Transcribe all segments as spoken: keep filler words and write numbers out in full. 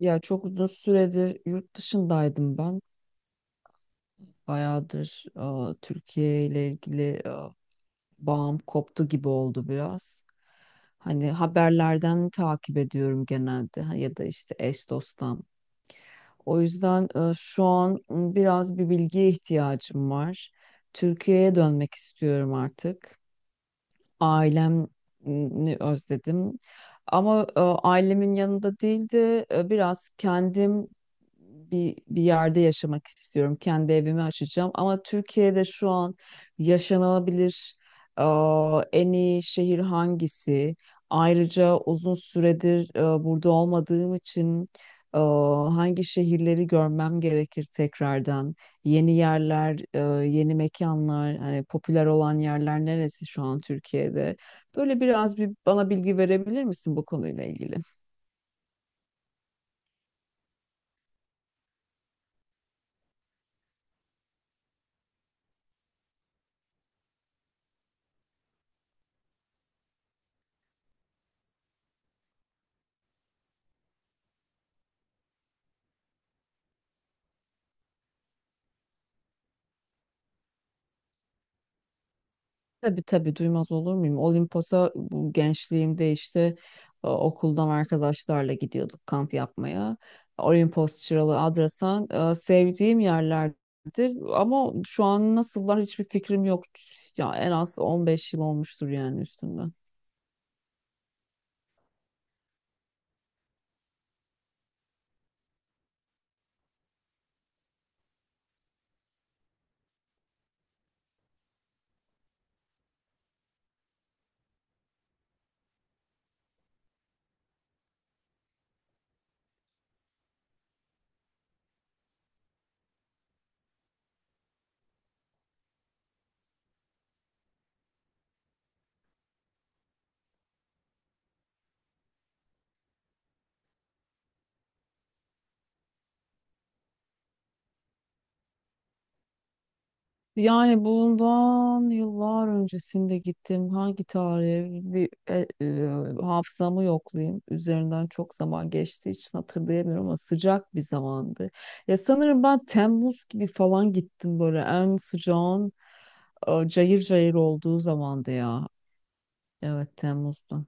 Ya çok uzun süredir yurt dışındaydım ben. Bayağıdır e, Türkiye ile ilgili e, bağım koptu gibi oldu biraz. Hani haberlerden takip ediyorum genelde ha, ya da işte eş dosttan. O yüzden e, şu an biraz bir bilgiye ihtiyacım var. Türkiye'ye dönmek istiyorum artık. Ailemi özledim. Ama e, ailemin yanında değil de e, biraz kendim bir, bir yerde yaşamak istiyorum. Kendi evimi açacağım. Ama Türkiye'de şu an yaşanılabilir e, en iyi şehir hangisi? Ayrıca uzun süredir e, burada olmadığım için e, hangi şehirleri görmem gerekir tekrardan? Yeni yerler, e, yeni mekanlar, hani popüler olan yerler neresi şu an Türkiye'de? Böyle biraz bir bana bilgi verebilir misin bu konuyla ilgili? Tabii, tabii, duymaz olur muyum? Olimpos'a bu gençliğimde işte e, okuldan arkadaşlarla gidiyorduk kamp yapmaya. Olimpos, Çıralı, Adrasan e, sevdiğim yerlerdir. Ama şu an nasıllar hiçbir fikrim yok. Ya en az on beş yıl olmuştur yani üstünden. Yani bundan yıllar öncesinde gittim. Hangi tarihe bir e, e, hafızamı yoklayayım. Üzerinden çok zaman geçtiği için hatırlayamıyorum ama sıcak bir zamandı. Ya sanırım ben Temmuz gibi falan gittim, böyle en sıcağın e, cayır cayır olduğu zamandı ya. Evet, Temmuz'da.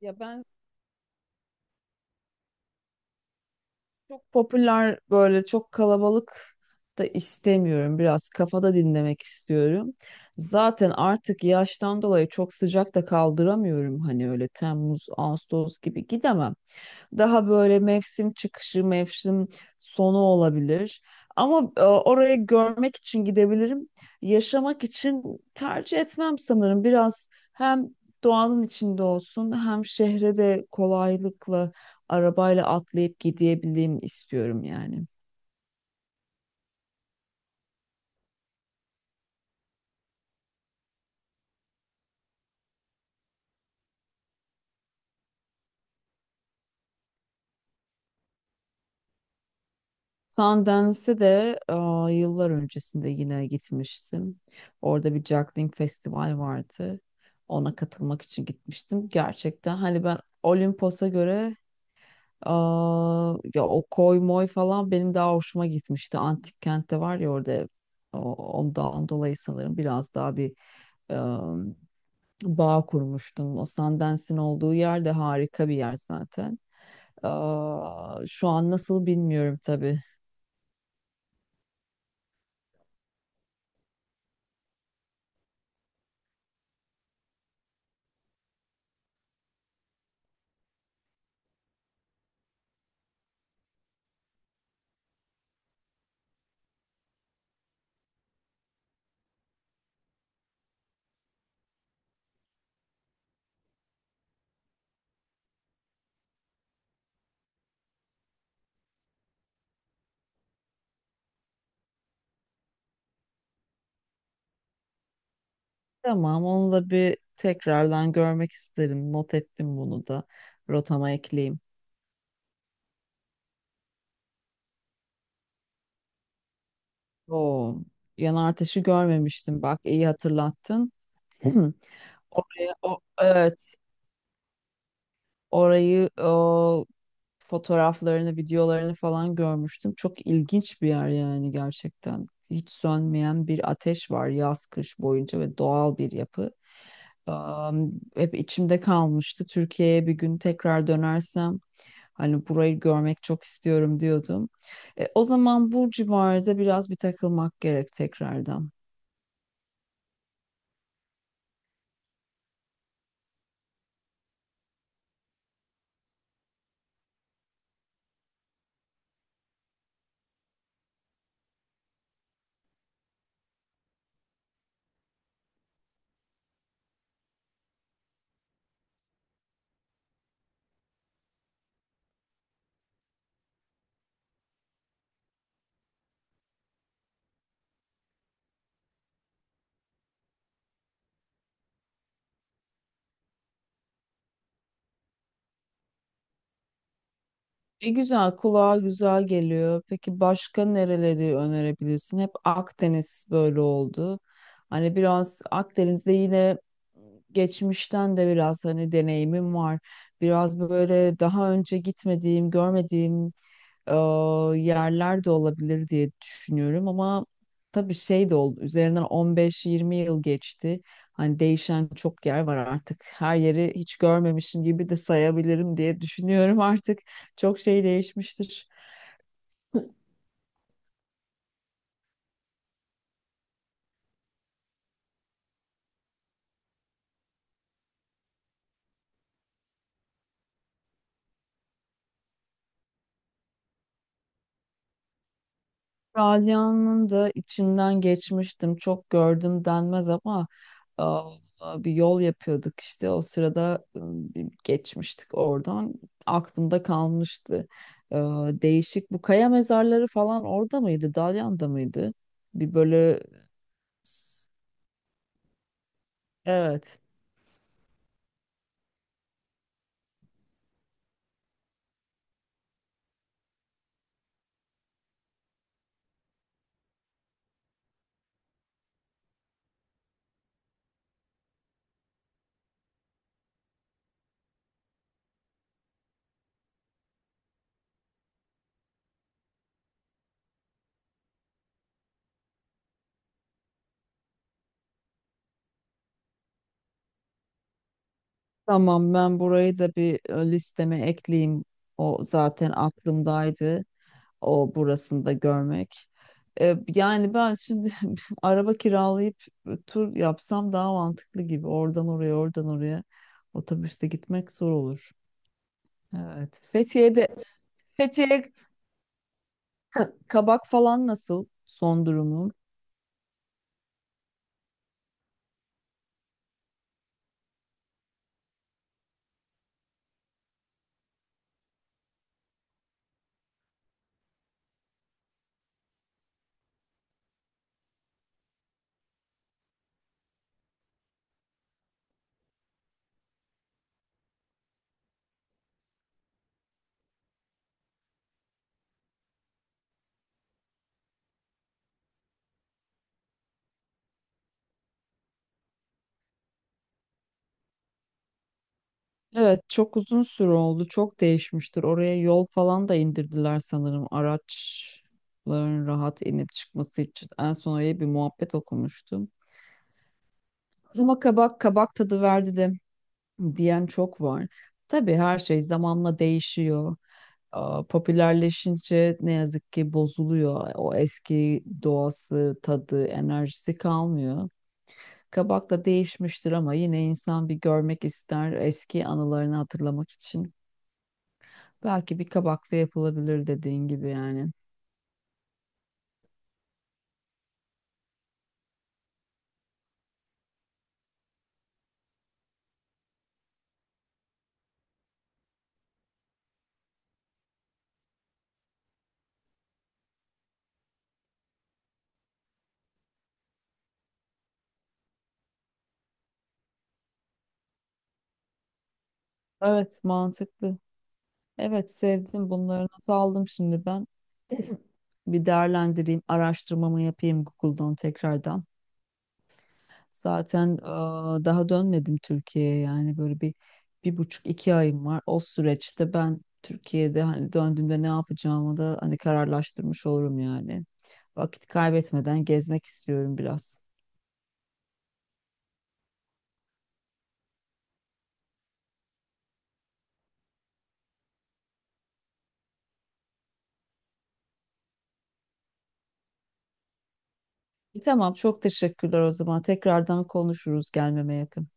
Ya ben çok popüler, böyle çok kalabalık da istemiyorum. Biraz kafada dinlemek istiyorum. Zaten artık yaştan dolayı çok sıcak da kaldıramıyorum. Hani öyle Temmuz, Ağustos gibi gidemem. Daha böyle mevsim çıkışı, mevsim sonu olabilir. Ama e, orayı görmek için gidebilirim. Yaşamak için tercih etmem sanırım. Biraz hem doğanın içinde olsun hem şehre de kolaylıkla arabayla atlayıp gidebileyim istiyorum yani. Sundance'e de e, yıllar öncesinde yine gitmiştim. Orada bir juggling festival vardı. Ona katılmak için gitmiştim. Gerçekten hani ben, Olimpos'a göre, aa, ya o koy moy falan benim daha hoşuma gitmişti. Antik kentte var ya orada, o- ondan dolayı sanırım biraz daha bir em, bağ kurmuştum. O Sundance'in olduğu yer de harika bir yer zaten. Aa, şu an nasıl bilmiyorum tabii. Tamam, onu da bir tekrardan görmek isterim. Not ettim bunu da. Rotama ekleyeyim. Oo, yanar taşı görmemiştim. Bak, iyi hatırlattın. Oraya, o, evet, orayı, o fotoğraflarını, videolarını falan görmüştüm. Çok ilginç bir yer yani gerçekten. Hiç sönmeyen bir ateş var yaz kış boyunca ve doğal bir yapı. Am, hep içimde kalmıştı. Türkiye'ye bir gün tekrar dönersem hani burayı görmek çok istiyorum diyordum. E, o zaman bu civarda biraz bir takılmak gerek tekrardan. E güzel, kulağa güzel geliyor. Peki başka nereleri önerebilirsin? Hep Akdeniz böyle oldu. Hani biraz Akdeniz'de yine geçmişten de biraz hani deneyimim var. Biraz böyle daha önce gitmediğim, görmediğim e, yerler de olabilir diye düşünüyorum ama tabii şey de oldu, üzerinden on beş yirmi yıl geçti. Hani değişen çok yer var artık. Her yeri hiç görmemişim gibi de sayabilirim diye düşünüyorum artık. Çok şey değişmiştir. Ralya'nın da içinden geçmiştim. Çok gördüm denmez ama e, bir yol yapıyorduk işte. O sırada e, bir geçmiştik oradan. Aklımda kalmıştı. E, değişik. Bu kaya mezarları falan orada mıydı? Dalyan'da mıydı? Bir böyle s- evet. Tamam, ben burayı da bir e, listeme ekleyeyim. O zaten aklımdaydı, o burasında görmek. E, yani ben şimdi araba kiralayıp e, tur yapsam daha mantıklı gibi. Oradan oraya, oradan oraya otobüste gitmek zor olur. Evet. Fethiye'de Fethiye Kabak falan nasıl, son durumu? Evet, çok uzun süre oldu. Çok değişmiştir. Oraya yol falan da indirdiler sanırım, araçların rahat inip çıkması için. En son öyle bir muhabbet okumuştum. Ama kabak kabak tadı verdi diyen çok var. Tabii her şey zamanla değişiyor. Aa, popülerleşince ne yazık ki bozuluyor. O eski doğası, tadı, enerjisi kalmıyor. Kabak da değişmiştir ama yine insan bir görmek ister eski anılarını hatırlamak için. Belki bir kabakla yapılabilir dediğin gibi yani. Evet, mantıklı. Evet, sevdim, bunları not aldım şimdi ben. Bir değerlendireyim, araştırmamı yapayım Google'dan tekrardan. Zaten eee, daha dönmedim Türkiye'ye, yani böyle bir, bir buçuk iki ayım var. O süreçte ben Türkiye'de hani döndüğümde ne yapacağımı da hani kararlaştırmış olurum yani. Vakit kaybetmeden gezmek istiyorum biraz. Tamam, çok teşekkürler o zaman. Tekrardan konuşuruz gelmeme yakın.